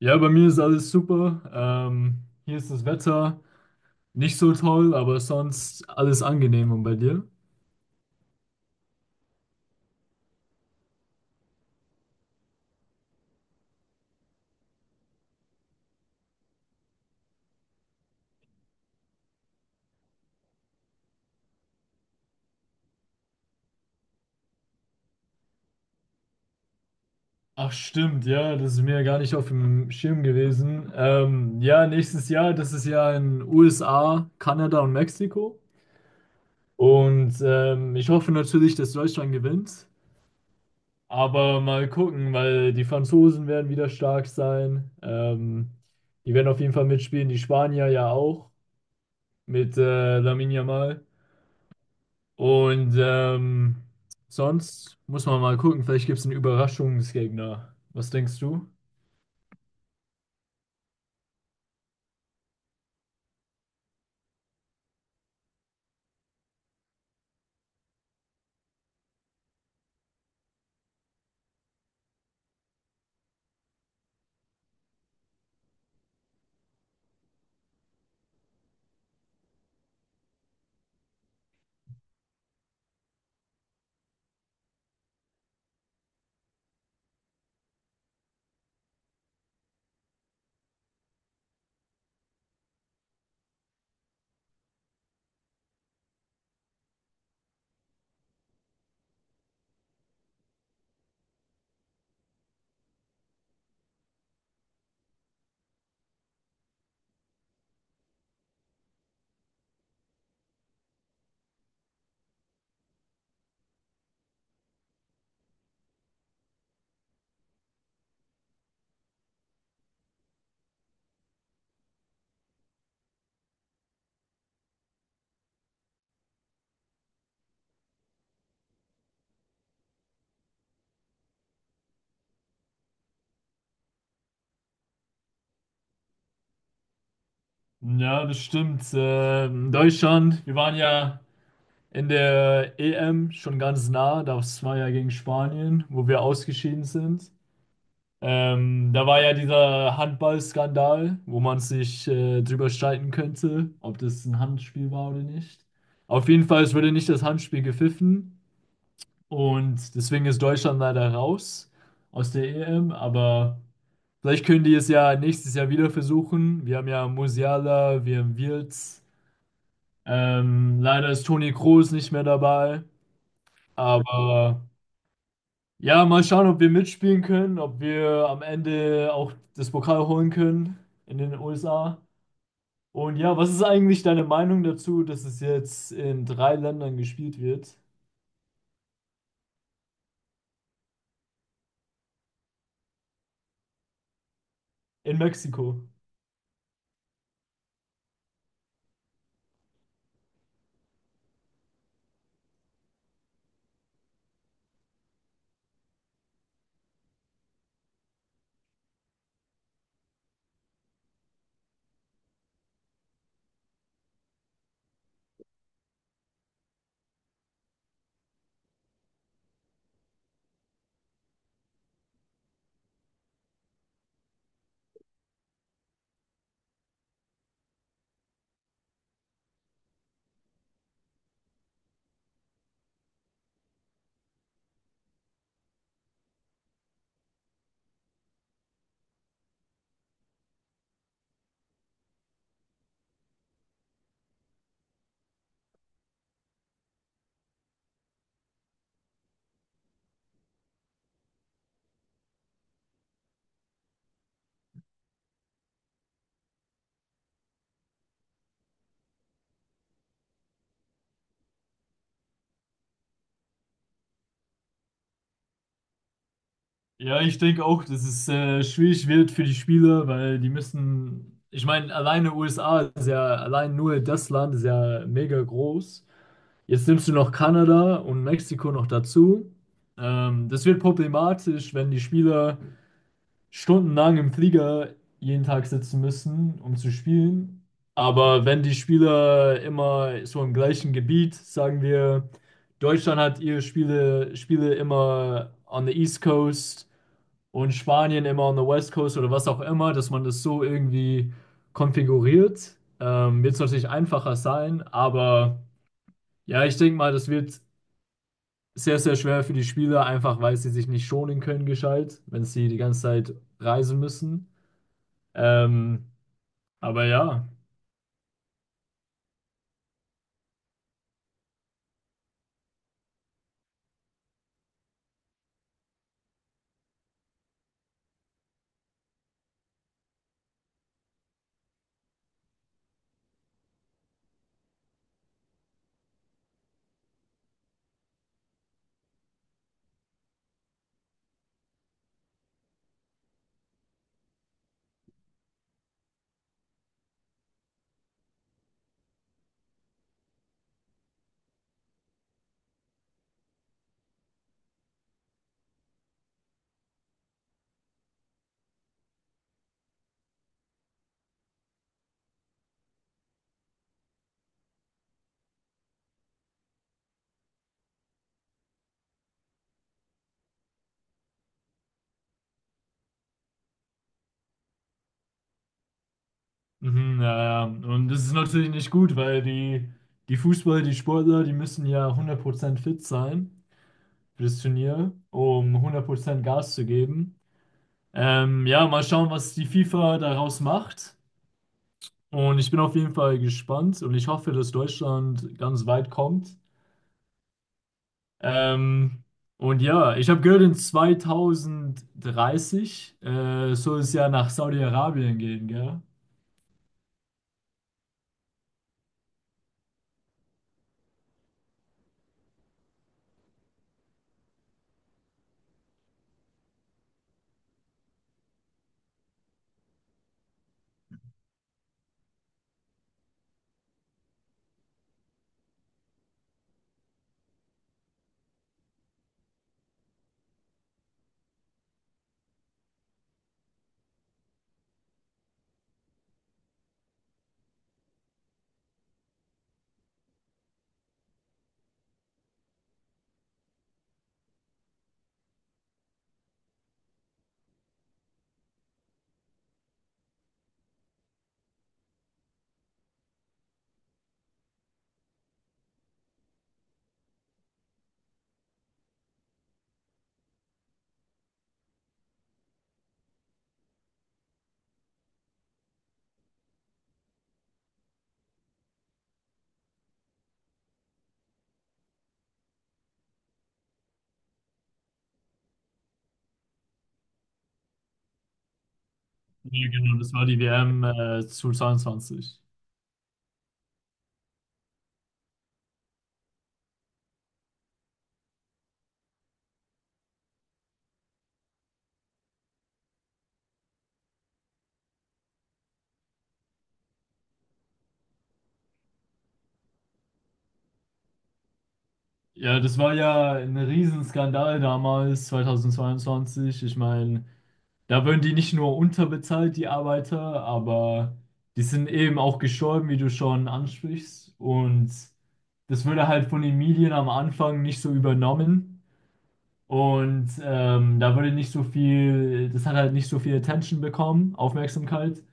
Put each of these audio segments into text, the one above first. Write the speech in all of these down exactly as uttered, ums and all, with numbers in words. Ja, bei mir ist alles super. Ähm, hier ist das Wetter nicht so toll, aber sonst alles angenehm. Und bei dir? Ach stimmt, ja, das ist mir gar nicht auf dem Schirm gewesen. Ähm, ja, nächstes Jahr, das ist ja in U S A, Kanada und Mexiko. Und ähm, ich hoffe natürlich, dass Deutschland gewinnt. Aber mal gucken, weil die Franzosen werden wieder stark sein. Ähm, die werden auf jeden Fall mitspielen, die Spanier ja auch, mit äh, Lamine Yamal. Und ähm, sonst muss man mal gucken, vielleicht gibt es einen Überraschungsgegner. Was denkst du? Ja, das stimmt. Ähm, Deutschland, wir waren ja in der E M schon ganz nah, das war ja gegen Spanien, wo wir ausgeschieden sind. Ähm, da war ja dieser Handballskandal, wo man sich äh, drüber streiten könnte, ob das ein Handspiel war oder nicht. Auf jeden Fall, es wurde nicht das Handspiel gepfiffen. Und deswegen ist Deutschland leider raus aus der E M, aber vielleicht können die es ja nächstes Jahr wieder versuchen. Wir haben ja Musiala, wir haben Wirtz. Ähm, leider ist Toni Kroos nicht mehr dabei, aber ja, mal schauen, ob wir mitspielen können, ob wir am Ende auch das Pokal holen können in den U S A. Und ja, was ist eigentlich deine Meinung dazu, dass es jetzt in drei Ländern gespielt wird? In Mexiko. Ja, ich denke auch, dass es äh, schwierig wird für die Spieler, weil die müssen, ich meine, alleine U S A ist ja, allein nur das Land ist ja mega groß. Jetzt nimmst du noch Kanada und Mexiko noch dazu. Ähm, das wird problematisch, wenn die Spieler stundenlang im Flieger jeden Tag sitzen müssen, um zu spielen. Aber wenn die Spieler immer so im gleichen Gebiet, sagen wir, Deutschland hat ihre Spiele, Spiele immer on the East Coast und Spanien immer on the West Coast oder was auch immer, dass man das so irgendwie konfiguriert. Ähm, wird es natürlich einfacher sein, aber ja, ich denke mal, das wird sehr, sehr schwer für die Spieler, einfach weil sie sich nicht schonen können, gescheit, wenn sie die ganze Zeit reisen müssen. Ähm, aber ja, mhm, ja, ja. Und das ist natürlich nicht gut, weil die, die Fußballer, die Sportler, die müssen ja hundert Prozent fit sein für das Turnier, um hundert Prozent Gas zu geben. Ähm, ja, mal schauen, was die FIFA daraus macht. Und ich bin auf jeden Fall gespannt und ich hoffe, dass Deutschland ganz weit kommt. Ähm, und ja, ich habe gehört, in zweitausenddreißig äh, soll es ja nach Saudi-Arabien gehen, gell? Ja, genau, das war die W M äh, zu Ja, das war ja ein Riesenskandal damals, zwanzig zweiundzwanzig. Ich meine, da werden die nicht nur unterbezahlt, die Arbeiter, aber die sind eben auch gestorben, wie du schon ansprichst. Und das würde halt von den Medien am Anfang nicht so übernommen. Und ähm, da würde nicht so viel, das hat halt nicht so viel Attention bekommen, Aufmerksamkeit.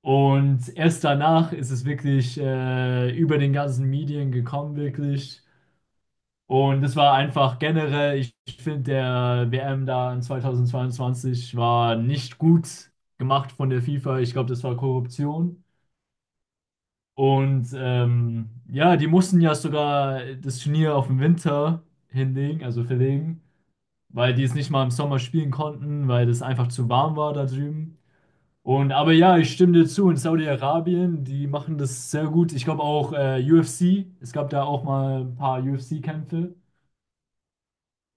Und erst danach ist es wirklich äh, über den ganzen Medien gekommen, wirklich. Und es war einfach generell, ich, finde, der W M da in zwanzig zweiundzwanzig war nicht gut gemacht von der FIFA. Ich glaube, das war Korruption. Und ähm, ja, die mussten ja sogar das Turnier auf den Winter hinlegen, also verlegen, weil die es nicht mal im Sommer spielen konnten, weil es einfach zu warm war da drüben. Und aber ja, ich stimme dir zu, in Saudi-Arabien, die machen das sehr gut. Ich glaube auch äh, U F C, es gab da auch mal ein paar U F C-Kämpfe.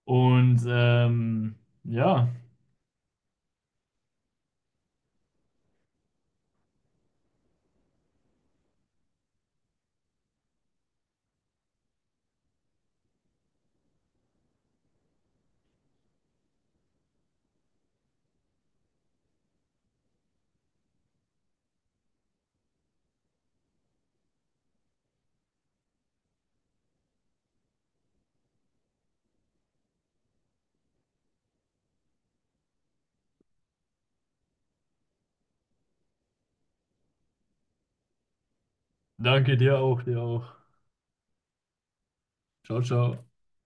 Und ähm, ja, danke dir auch, dir auch. Ciao, ciao.